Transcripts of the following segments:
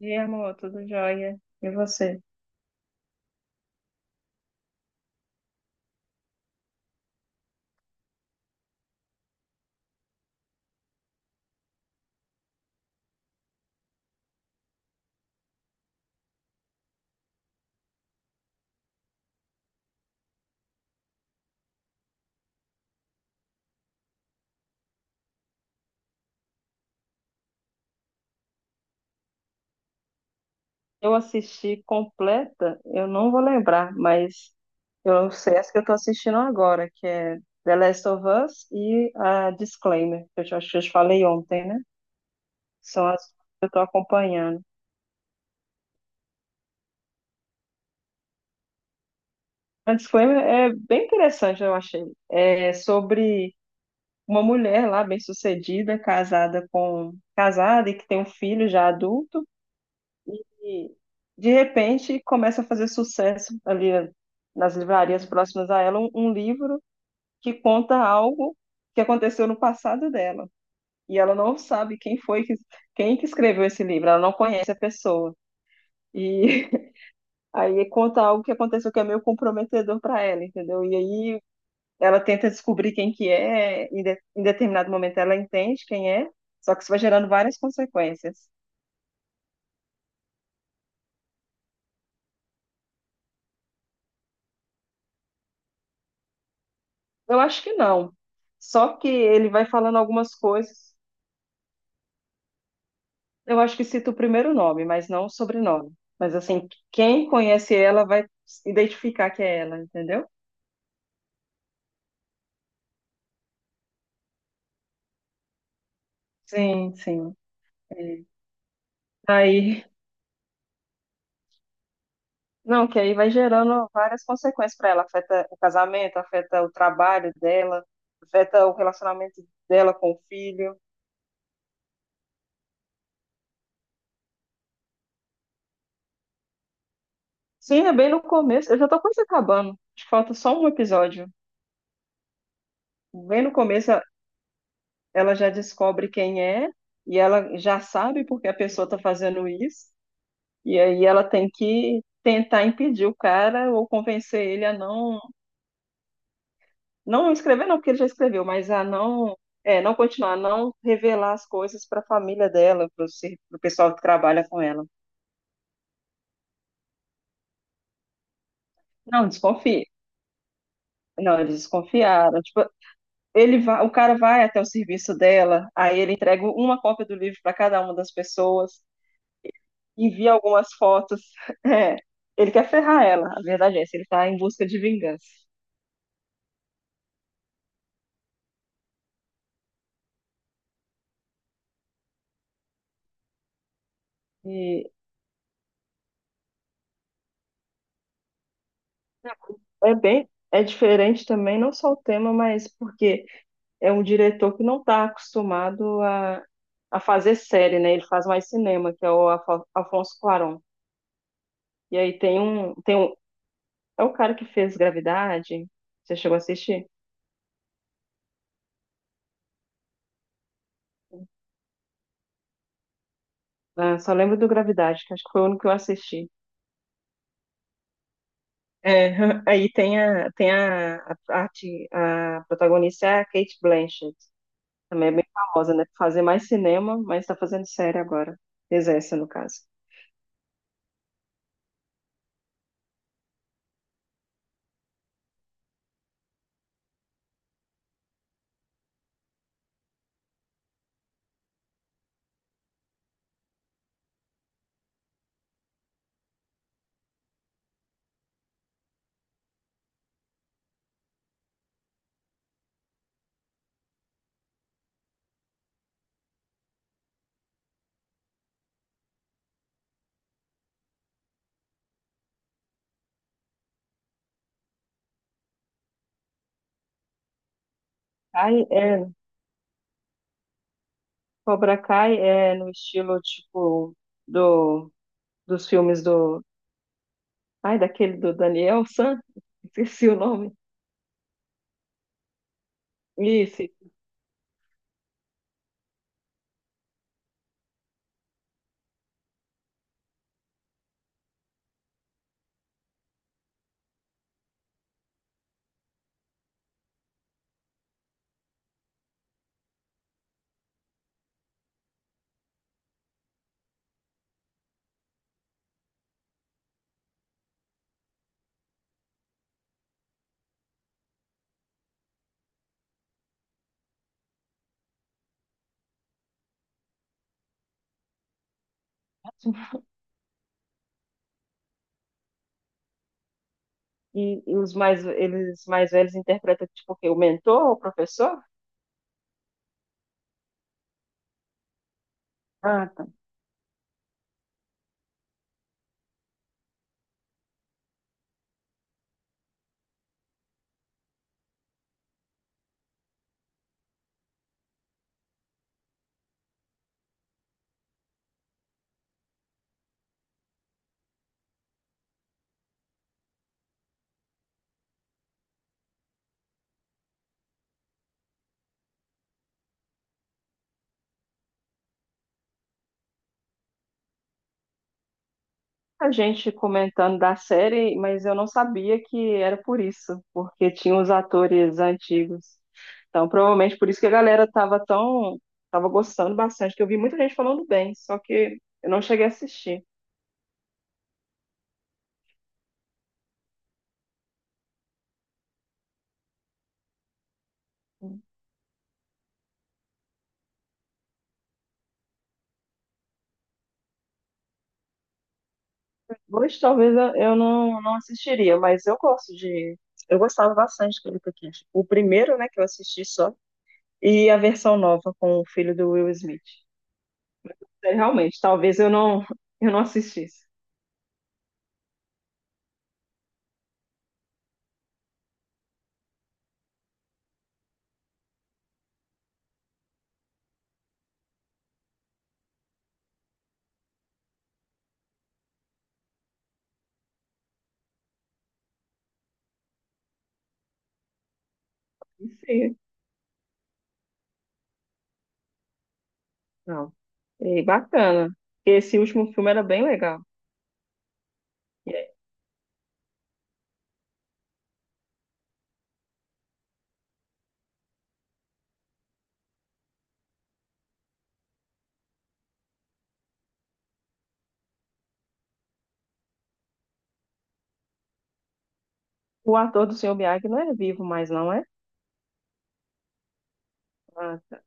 E amor, tudo jóia? E você? Eu assisti completa, eu não vou lembrar, mas eu sei essa que eu tô assistindo agora, que é The Last of Us e a Disclaimer, que acho que eu te falei ontem, né? São as que eu tô acompanhando. A Disclaimer é bem interessante, eu achei. É sobre uma mulher lá, bem-sucedida, casada e que tem um filho já adulto. E de repente começa a fazer sucesso ali nas livrarias próximas a ela um livro que conta algo que aconteceu no passado dela. E ela não sabe quem que escreveu esse livro, ela não conhece a pessoa. E aí conta algo que aconteceu que é meio comprometedor para ela, entendeu? E aí ela tenta descobrir quem que é, em, de- em determinado momento ela entende quem é, só que isso vai gerando várias consequências. Eu acho que não. Só que ele vai falando algumas coisas. Eu acho que cito o primeiro nome, mas não o sobrenome. Mas assim, quem conhece ela vai identificar que é ela, entendeu? Sim, sim. É. Aí, não, que aí vai gerando várias consequências para ela. Afeta o casamento, afeta o trabalho dela, afeta o relacionamento dela com o filho. Sim, é bem no começo. Eu já tô quase acabando. Acho que falta só um episódio. Bem no começo, ela já descobre quem é e ela já sabe porque a pessoa tá fazendo isso. E aí ela tem que tentar impedir o cara ou convencer ele a não escrever não, porque ele já escreveu, mas a não é, não continuar, a não revelar as coisas para a família dela, para o pessoal que trabalha com ela. Não, desconfie. Não, eles desconfiaram. Tipo, o cara vai até o serviço dela, aí ele entrega uma cópia do livro para cada uma das pessoas, envia algumas fotos. É, ele quer ferrar ela, a verdade é essa, ele está em busca de vingança. E é bem, é diferente também, não só o tema, mas porque é um diretor que não está acostumado a fazer série, né? Ele faz mais cinema, que é o Afonso Cuarón. E aí tem um, é o cara que fez Gravidade. Você chegou a assistir? Ah, só lembro do Gravidade, que acho que foi o único que eu assisti. É, aí tem a, tem a, parte- a protagonista é a Kate Blanchett, também é bem famosa, né? Fazer mais cinema, mas está fazendo série agora. Exerce, no caso. Ai, Cobra Kai é no estilo, tipo, do, dos filmes do... Ai, daquele do Daniel San? Esqueci o nome. Isso. Eles mais velhos interpretam, tipo, o quê? O mentor, o professor? Ah, tá. A gente comentando da série, mas eu não sabia que era por isso, porque tinha os atores antigos. Então, provavelmente por isso que a galera tava tão, tava gostando bastante, que eu vi muita gente falando bem, só que eu não cheguei a assistir. Hoje talvez eu não assistiria, mas eu gosto de. Eu gostava bastante do Wicked. O primeiro, né, que eu assisti só, e a versão nova com o filho do Will Smith. É, realmente, talvez eu não assistisse. Sim, não. E bacana. Esse último filme era bem legal. E aí, o ator do Sr. Miyagi não é vivo mais, não é? Ah, tá.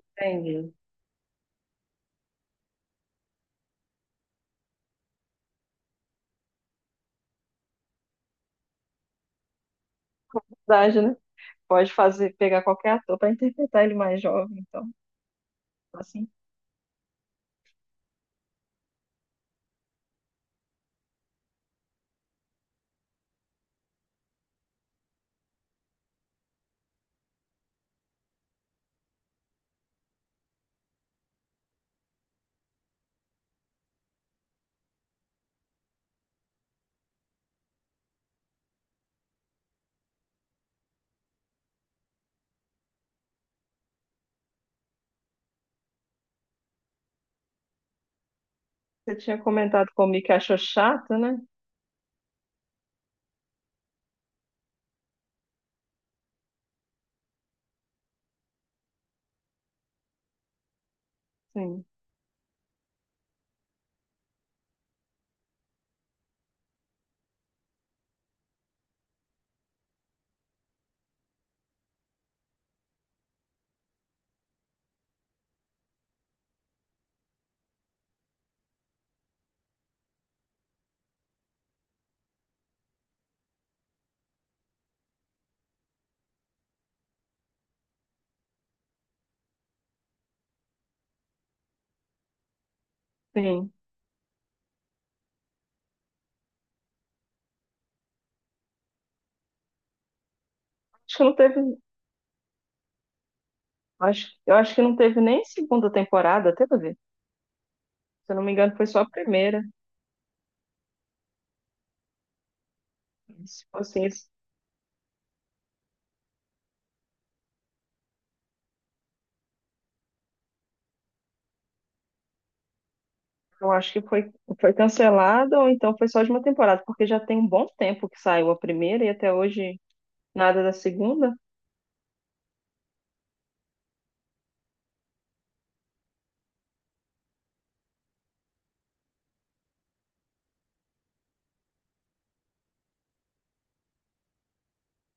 Entendi. Verdade, né? Pode fazer, pegar qualquer ator para interpretar ele mais jovem, então. Assim, você tinha comentado comigo que achou chato, né? Sim. Sim. Acho que não teve. Acho, eu acho que não teve nem segunda temporada, até pra ver. Se eu não me engano, foi só a primeira. Se fosse isso, eu acho que foi cancelada ou então foi só de uma temporada, porque já tem um bom tempo que saiu a primeira e até hoje nada da segunda.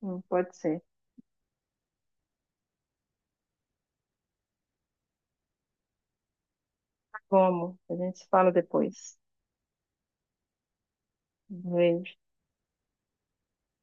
Não pode ser. Como? A gente se fala depois. Um beijo.